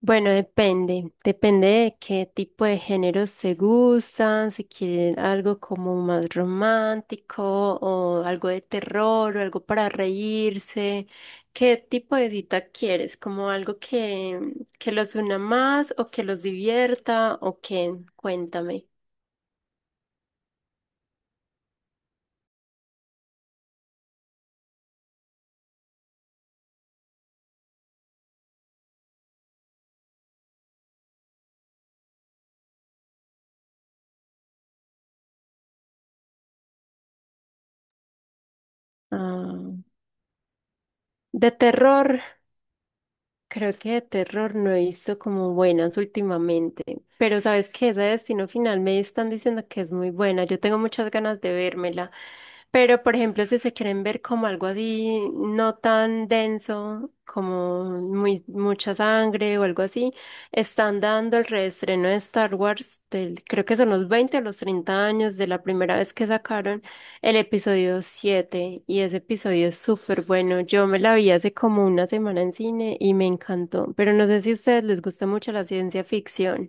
Bueno, depende, depende de qué tipo de géneros se gustan, si quieren algo como más romántico o algo de terror o algo para reírse, qué tipo de cita quieres, como algo que los una más o que los divierta o qué, cuéntame. Ah, de terror. Creo que de terror no he visto como buenas últimamente, pero sabes que ese Destino Final me están diciendo que es muy buena. Yo tengo muchas ganas de vérmela, pero por ejemplo, si se quieren ver como algo así no tan denso, como muy, mucha sangre o algo así, están dando el reestreno de Star Wars del, creo que son los 20 o los 30 años de la primera vez que sacaron el episodio 7 y ese episodio es súper bueno. Yo me la vi hace como una semana en cine y me encantó, pero no sé si a ustedes les gusta mucho la ciencia ficción.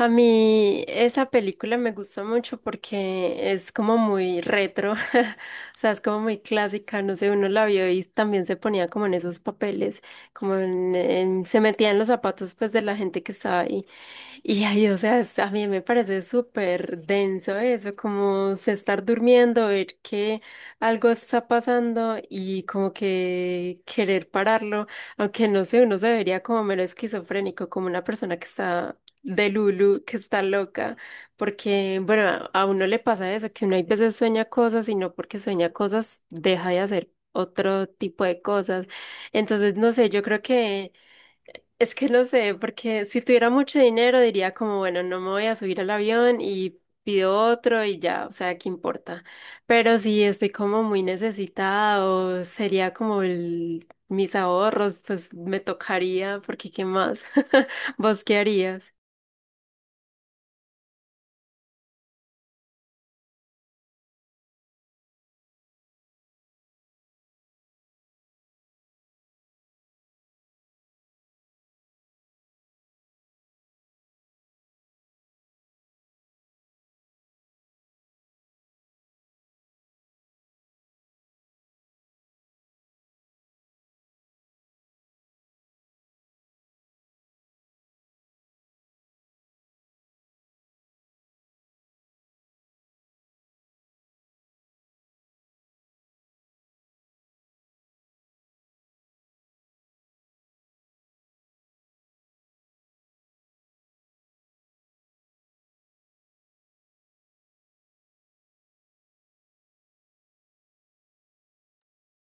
A mí esa película me gusta mucho porque es como muy retro, o sea, es como muy clásica, no sé, uno la vio y también se ponía como en esos papeles, como se metía en los zapatos pues de la gente que estaba ahí. Y ahí, o sea, a mí me parece súper denso eso, como se estar durmiendo, ver que algo está pasando y como que querer pararlo, aunque no sé, uno se vería como mero esquizofrénico, como una persona que está de Lulu, que está loca, porque, bueno, a uno le pasa eso, que uno hay veces sueña cosas y no porque sueña cosas deja de hacer otro tipo de cosas. Entonces, no sé, yo creo que... Es que no sé, porque si tuviera mucho dinero diría como, bueno, no me voy a subir al avión y pido otro y ya, o sea, ¿qué importa? Pero si estoy como muy necesitada o sería como el, mis ahorros, pues me tocaría, porque ¿qué más? ¿Vos qué harías?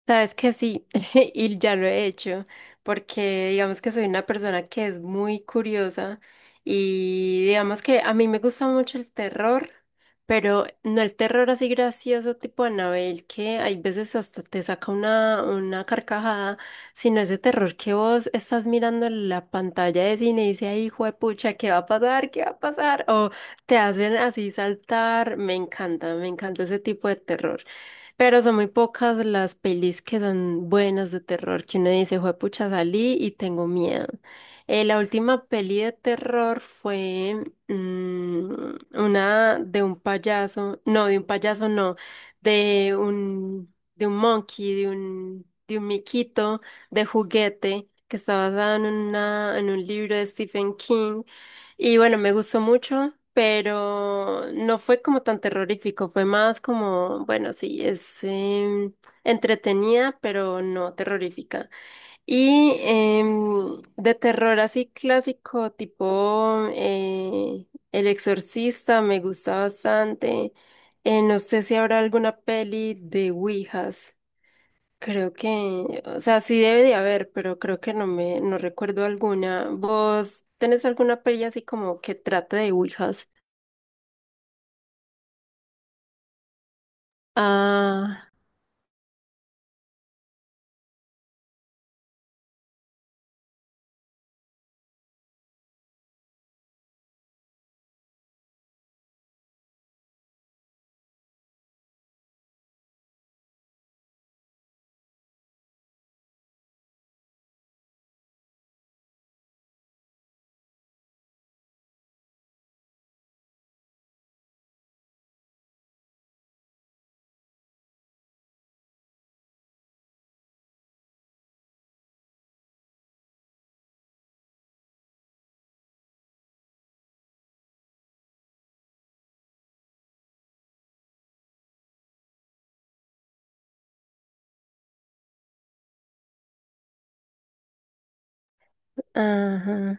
Sabes que sí, y ya lo he hecho, porque digamos que soy una persona que es muy curiosa y digamos que a mí me gusta mucho el terror, pero no el terror así gracioso tipo Anabel, que hay veces hasta te saca una carcajada, sino ese terror que vos estás mirando en la pantalla de cine y dices, ay, hijo de pucha, ¿qué va a pasar? ¿Qué va a pasar? O te hacen así saltar, me encanta ese tipo de terror. Pero son muy pocas las pelis que son buenas de terror, que uno dice, juepucha, salí y tengo miedo. La última peli de terror fue una de un payaso, no, de un payaso no, de un monkey, de un miquito de juguete, que está basada en una, en un libro de Stephen King, y bueno, me gustó mucho, pero no fue como tan terrorífico, fue más como, bueno, sí, es entretenida, pero no terrorífica. Y de terror así clásico, tipo El Exorcista, me gusta bastante. No sé si habrá alguna peli de Ouijas. Creo que, o sea, sí debe de haber, pero creo que no recuerdo alguna. ¿Vos tenés alguna peli así como que trate de ouijas? Ah, ajá.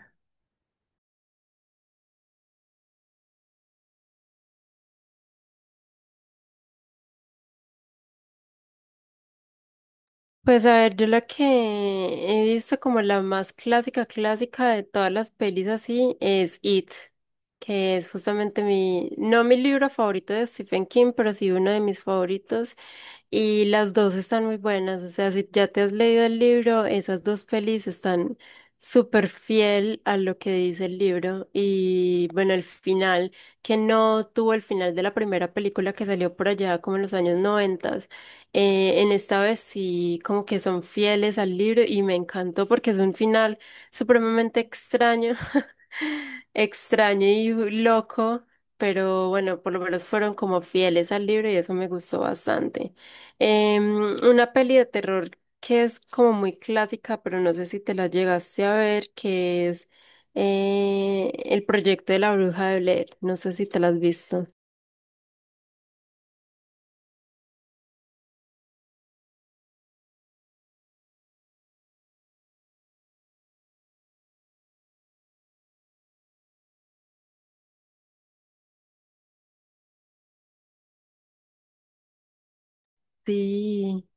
Pues a ver, yo la que he visto como la más clásica, clásica de todas las pelis así es It, que es justamente mi, no mi libro favorito de Stephen King, pero sí uno de mis favoritos. Y las dos están muy buenas, o sea, si ya te has leído el libro, esas dos pelis están súper fiel a lo que dice el libro. Y bueno, el final, que no tuvo el final de la primera película que salió por allá como en los años noventas, en esta vez sí como que son fieles al libro y me encantó porque es un final supremamente extraño, extraño y loco, pero bueno, por lo menos fueron como fieles al libro y eso me gustó bastante. Una peli de terror que es como muy clásica, pero no sé si te la llegaste a ver, que es El proyecto de la bruja de Blair. No sé si te la has visto. Sí.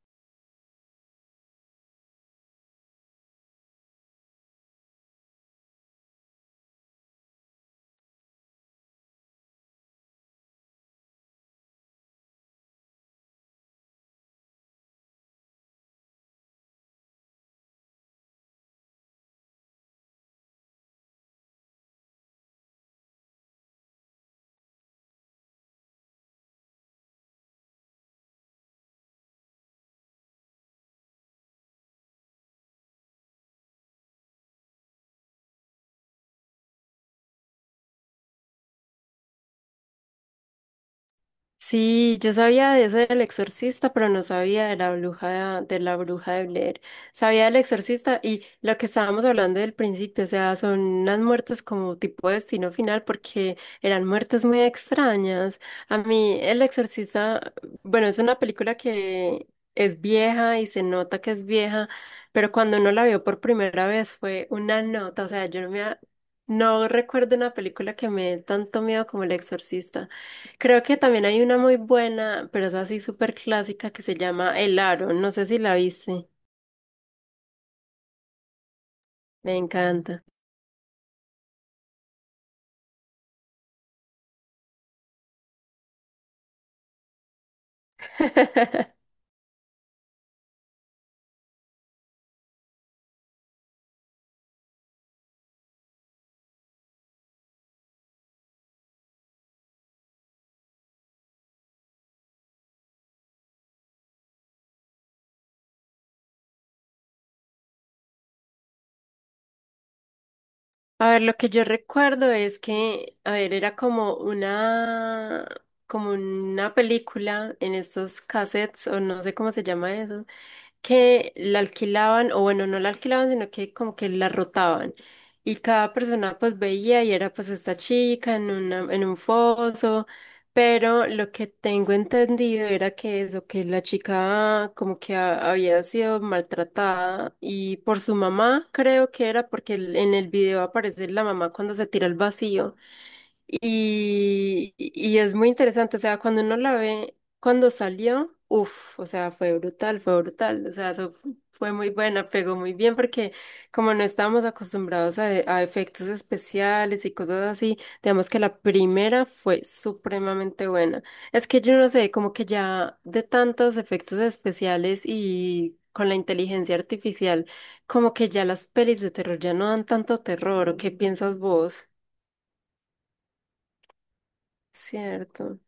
Sí, yo sabía de ese del exorcista, pero no sabía de la bruja de, la bruja de Blair. Sabía del exorcista y lo que estábamos hablando del principio, o sea, son unas muertes como tipo destino final porque eran muertes muy extrañas. A mí el exorcista, bueno, es una película que es vieja y se nota que es vieja, pero cuando uno la vio por primera vez fue una nota, o sea, yo no no recuerdo una película que me dé tanto miedo como El Exorcista. Creo que también hay una muy buena, pero es así súper clásica que se llama El Aro. No sé si la viste. Me encanta. A ver, lo que yo recuerdo es que, a ver, era como una película en estos cassettes, o no sé cómo se llama eso. Que la alquilaban, o bueno, no la alquilaban, sino que como que la rotaban. Y cada persona pues veía y era pues esta chica en una, en un foso, pero lo que tengo entendido era que eso, que la chica como que había sido maltratada y por su mamá, creo que era porque en el video aparece la mamá cuando se tira al vacío. Y es muy interesante, o sea, cuando uno la ve, cuando salió, uff, o sea, fue brutal, o sea, eso fue muy buena, pegó muy bien porque como no estábamos acostumbrados a efectos especiales y cosas así, digamos que la primera fue supremamente buena. Es que yo no sé, como que ya de tantos efectos especiales y con la inteligencia artificial, como que ya las pelis de terror ya no dan tanto terror, ¿o qué piensas vos? Cierto.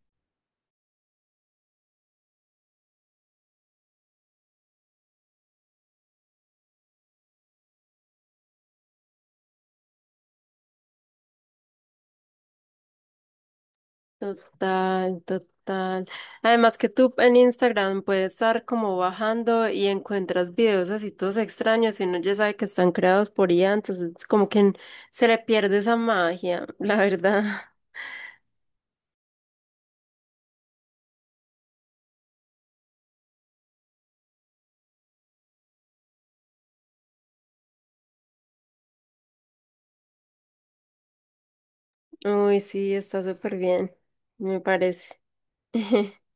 Total, total. Además que tú en Instagram puedes estar como bajando y encuentras videos así todos extraños y uno ya sabe que están creados por IA, entonces como que se le pierde esa magia, la verdad. Uy, sí, está súper bien, me parece.